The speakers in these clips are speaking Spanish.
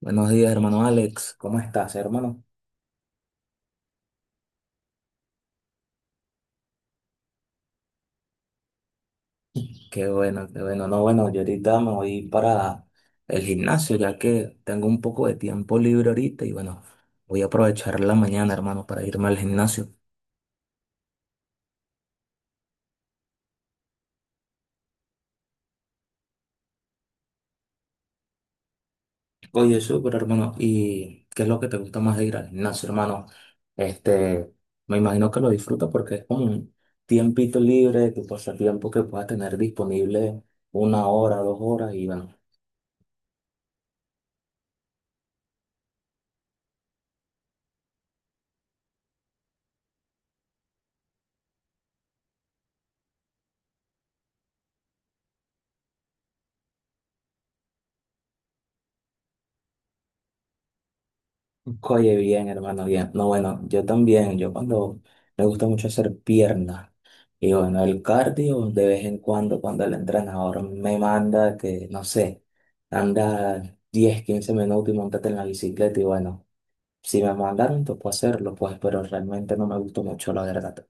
Buenos días, hermano Alex. ¿Cómo estás, hermano? Qué bueno, qué bueno. No, bueno, yo ahorita me voy para el gimnasio, ya que tengo un poco de tiempo libre ahorita y bueno, voy a aprovechar la mañana, hermano, para irme al gimnasio. Oye, súper, hermano. ¿Y qué es lo que te gusta más de ir al gimnasio, hermano? Este, me imagino que lo disfrutas porque es como un tiempito libre, tu pasatiempo que puedas tener disponible 1 hora, 2 horas y bueno. Oye, bien, hermano, bien. No, bueno, yo también, yo cuando me gusta mucho hacer piernas y bueno, el cardio de vez en cuando, cuando el entrenador me manda que, no sé, anda 10 15 minutos y montate en la bicicleta y bueno, si me mandaron, pues puedo hacerlo, pues, pero realmente no me gustó mucho, la verdad.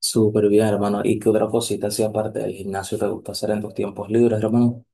Súper bien, hermano. ¿Y qué otra cosita así aparte del gimnasio te gusta hacer en tus tiempos libres, hermano?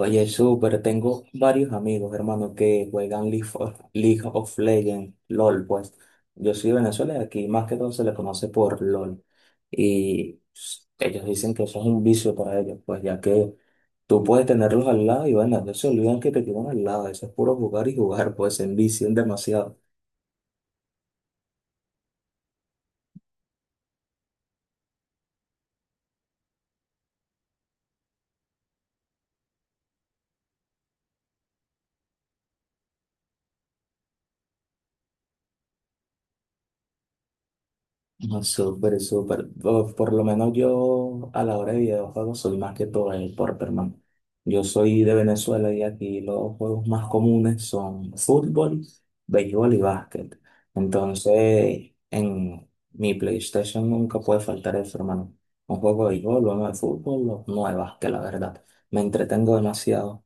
Oye, súper, tengo varios amigos, hermano, que juegan League of Legends, LOL, pues. Yo soy de Venezuela y aquí más que todo se le conoce por LOL. Ellos dicen que eso es un vicio para ellos, pues ya que tú puedes tenerlos al lado y bueno, ellos se olvidan que te tienen al lado, eso es puro jugar y jugar, pues se envician demasiado. No, súper, súper. Por lo menos yo a la hora de videojuegos soy más que todo el hermano. Yo soy de Venezuela y aquí los juegos más comunes son fútbol, béisbol y básquet. Entonces, en mi PlayStation nunca puede faltar eso, hermano. Un juego de béisbol, uno de fútbol, o uno de básquet, la verdad. Me entretengo demasiado.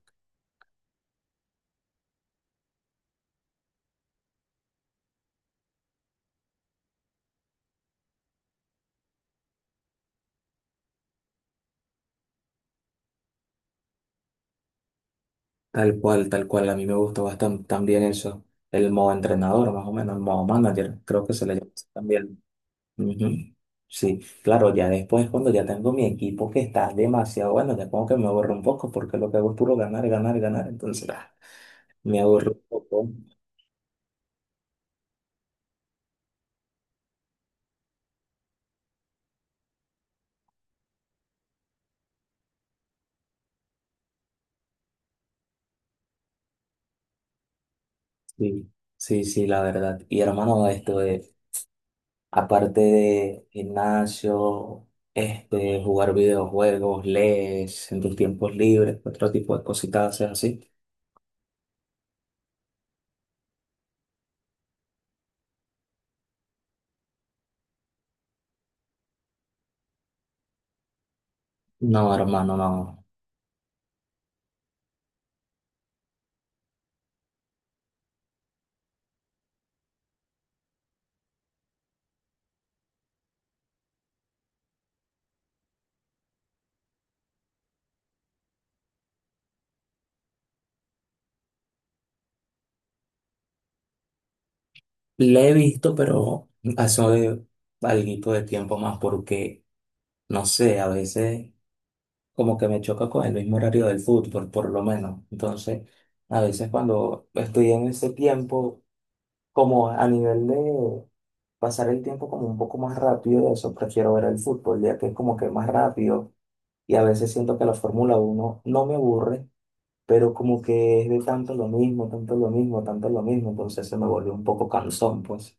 Tal cual, tal cual. A mí me gusta bastante también eso. El modo entrenador, más o menos, el modo manager, creo que se le llama así también. Ujú. Sí, claro, ya después cuando ya tengo mi equipo que está demasiado bueno, ya como que me aburro un poco porque lo que hago es puro ganar, ganar, ganar, entonces ah, me aburro un poco. Sí, sí, sí, la verdad. Y hermano, esto de, aparte de gimnasio, este, jugar videojuegos, lees en tus tiempos libres, otro tipo de cositas haces así. No, hermano, no. Le he visto, pero hace algo de tiempo más porque, no sé, a veces, como que me choca con el mismo horario del fútbol, por lo menos. Entonces, a veces cuando estoy en ese tiempo, como a nivel de pasar el tiempo como un poco más rápido, eso prefiero ver el fútbol, ya que es como que más rápido y a veces siento que la Fórmula uno no me aburre, pero como que es de tanto lo mismo, tanto lo mismo, tanto lo mismo, entonces se me volvió un poco cansón, pues.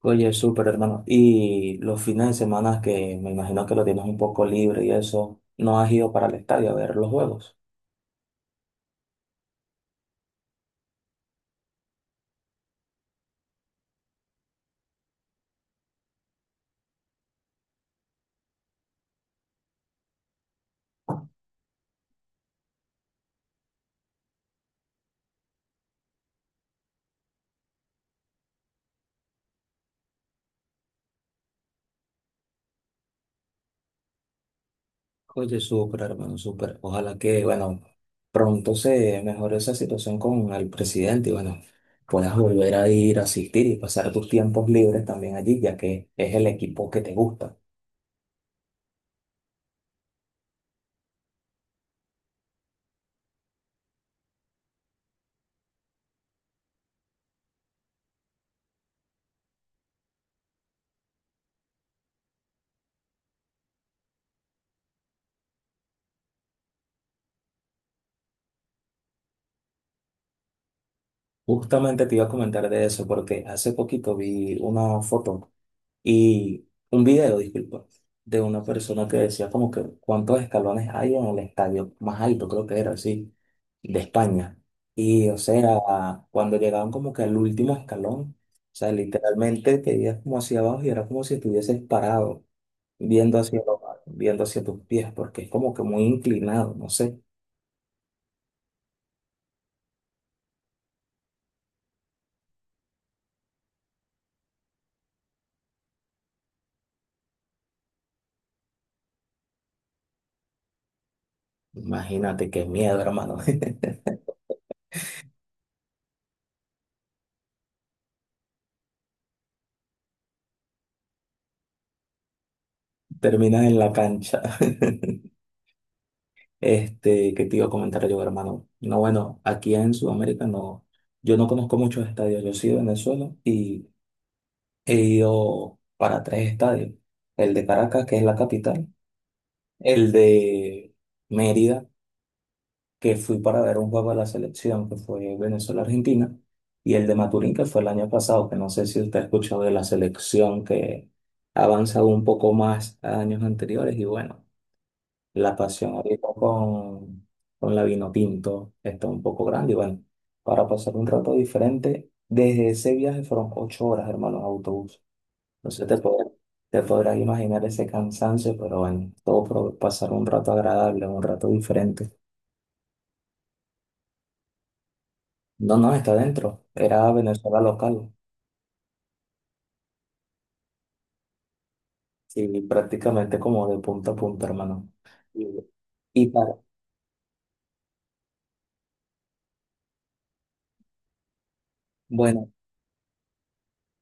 Oye, súper hermano. Y los fines de semana que me imagino que lo tienes un poco libre y eso, ¿no has ido para el estadio a ver los juegos? Oye, súper, hermano, súper. Ojalá que, bueno, pronto se mejore esa situación con el presidente y, bueno, puedas volver a ir a asistir y pasar tus tiempos libres también allí, ya que es el equipo que te gusta. Justamente te iba a comentar de eso, porque hace poquito vi una foto y un video, disculpa, de una persona que decía como que cuántos escalones hay en el estadio más alto, creo que era así, de España. Y, o sea, cuando llegaban como que al último escalón, o sea, literalmente te veías como hacia abajo y era como si estuvieses parado, viendo hacia abajo, viendo hacia tus pies, porque es como que muy inclinado, no sé. Imagínate qué miedo, hermano. Terminas en la cancha. Este, ¿qué te iba a comentar yo, hermano? No, bueno, aquí en Sudamérica no, yo no conozco muchos estadios. Yo soy de Venezuela y he ido para tres estadios. El de Caracas, que es la capital, el de Mérida, que fui para ver un juego de la selección, que fue Venezuela-Argentina, y el de Maturín, que fue el año pasado, que no sé si usted ha escuchado de la selección, que ha avanzado un poco más a años anteriores, y bueno, la pasión ahorita con la vino tinto está un poco grande, y bueno, para pasar un rato diferente, desde ese viaje fueron 8 horas, hermano, en autobús. No sé, te podrás imaginar ese cansancio, pero bueno, todo por pasar un rato agradable, un rato diferente. No, no, está adentro. Era Venezuela local. Sí, prácticamente como de punta a punta, hermano. Y, y para, bueno,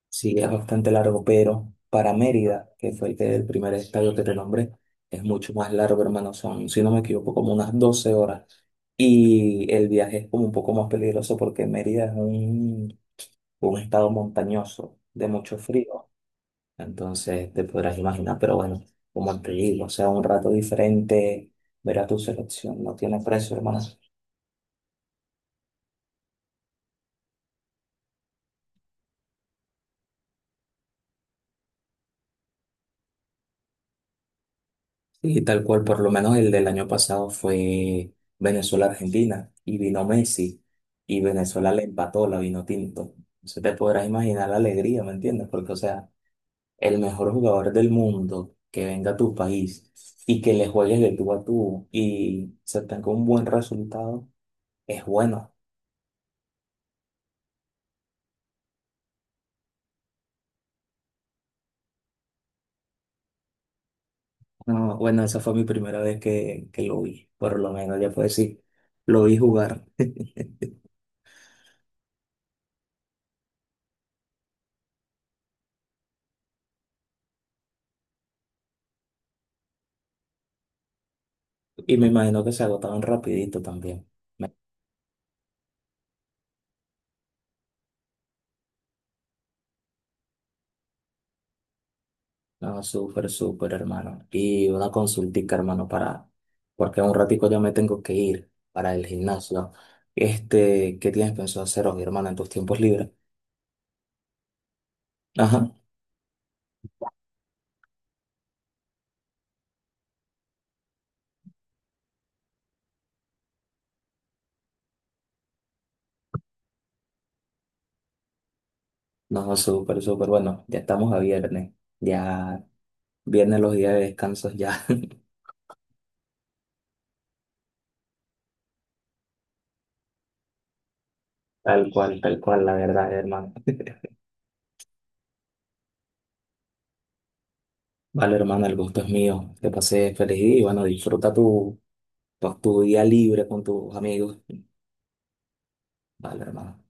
sí, es bastante largo, pero para Mérida, que fue el, que- el primer estadio que te nombré, es mucho más largo, hermano. Son, si no me equivoco, como unas 12 horas. Y el viaje es como un poco más peligroso porque Mérida es un estado montañoso, de mucho frío. Entonces te podrás imaginar, pero bueno, como te digo, o sea, un rato diferente, ver a tu selección, no tiene precio, hermano. Y tal cual, por lo menos el del año pasado fue Venezuela-Argentina y vino Messi y Venezuela le empató la vino tinto. Entonces te podrás imaginar la alegría, ¿me entiendes? Porque, o sea, el mejor jugador del mundo que venga a tu país y que le juegues de tú a tú y se tenga un buen resultado, es bueno. No, bueno, esa fue mi primera vez que lo vi, por lo menos, ya puedo decir, lo vi jugar. Y me imagino que se agotaban rapidito también. Me- No, súper, súper, hermano. Y una consultica, hermano, para, porque en un ratico ya me tengo que ir para el gimnasio. Este, ¿qué tienes pensado hacer hoy, hermano, en tus tiempos libres? Ajá, no, súper, súper, bueno, ya estamos a viernes. Ya, viernes los días de descanso, ya. Tal cual, la verdad, hermano. Vale, hermana, el gusto es mío. Que pases feliz día y bueno, disfruta tu día libre con tus amigos. Vale, hermano.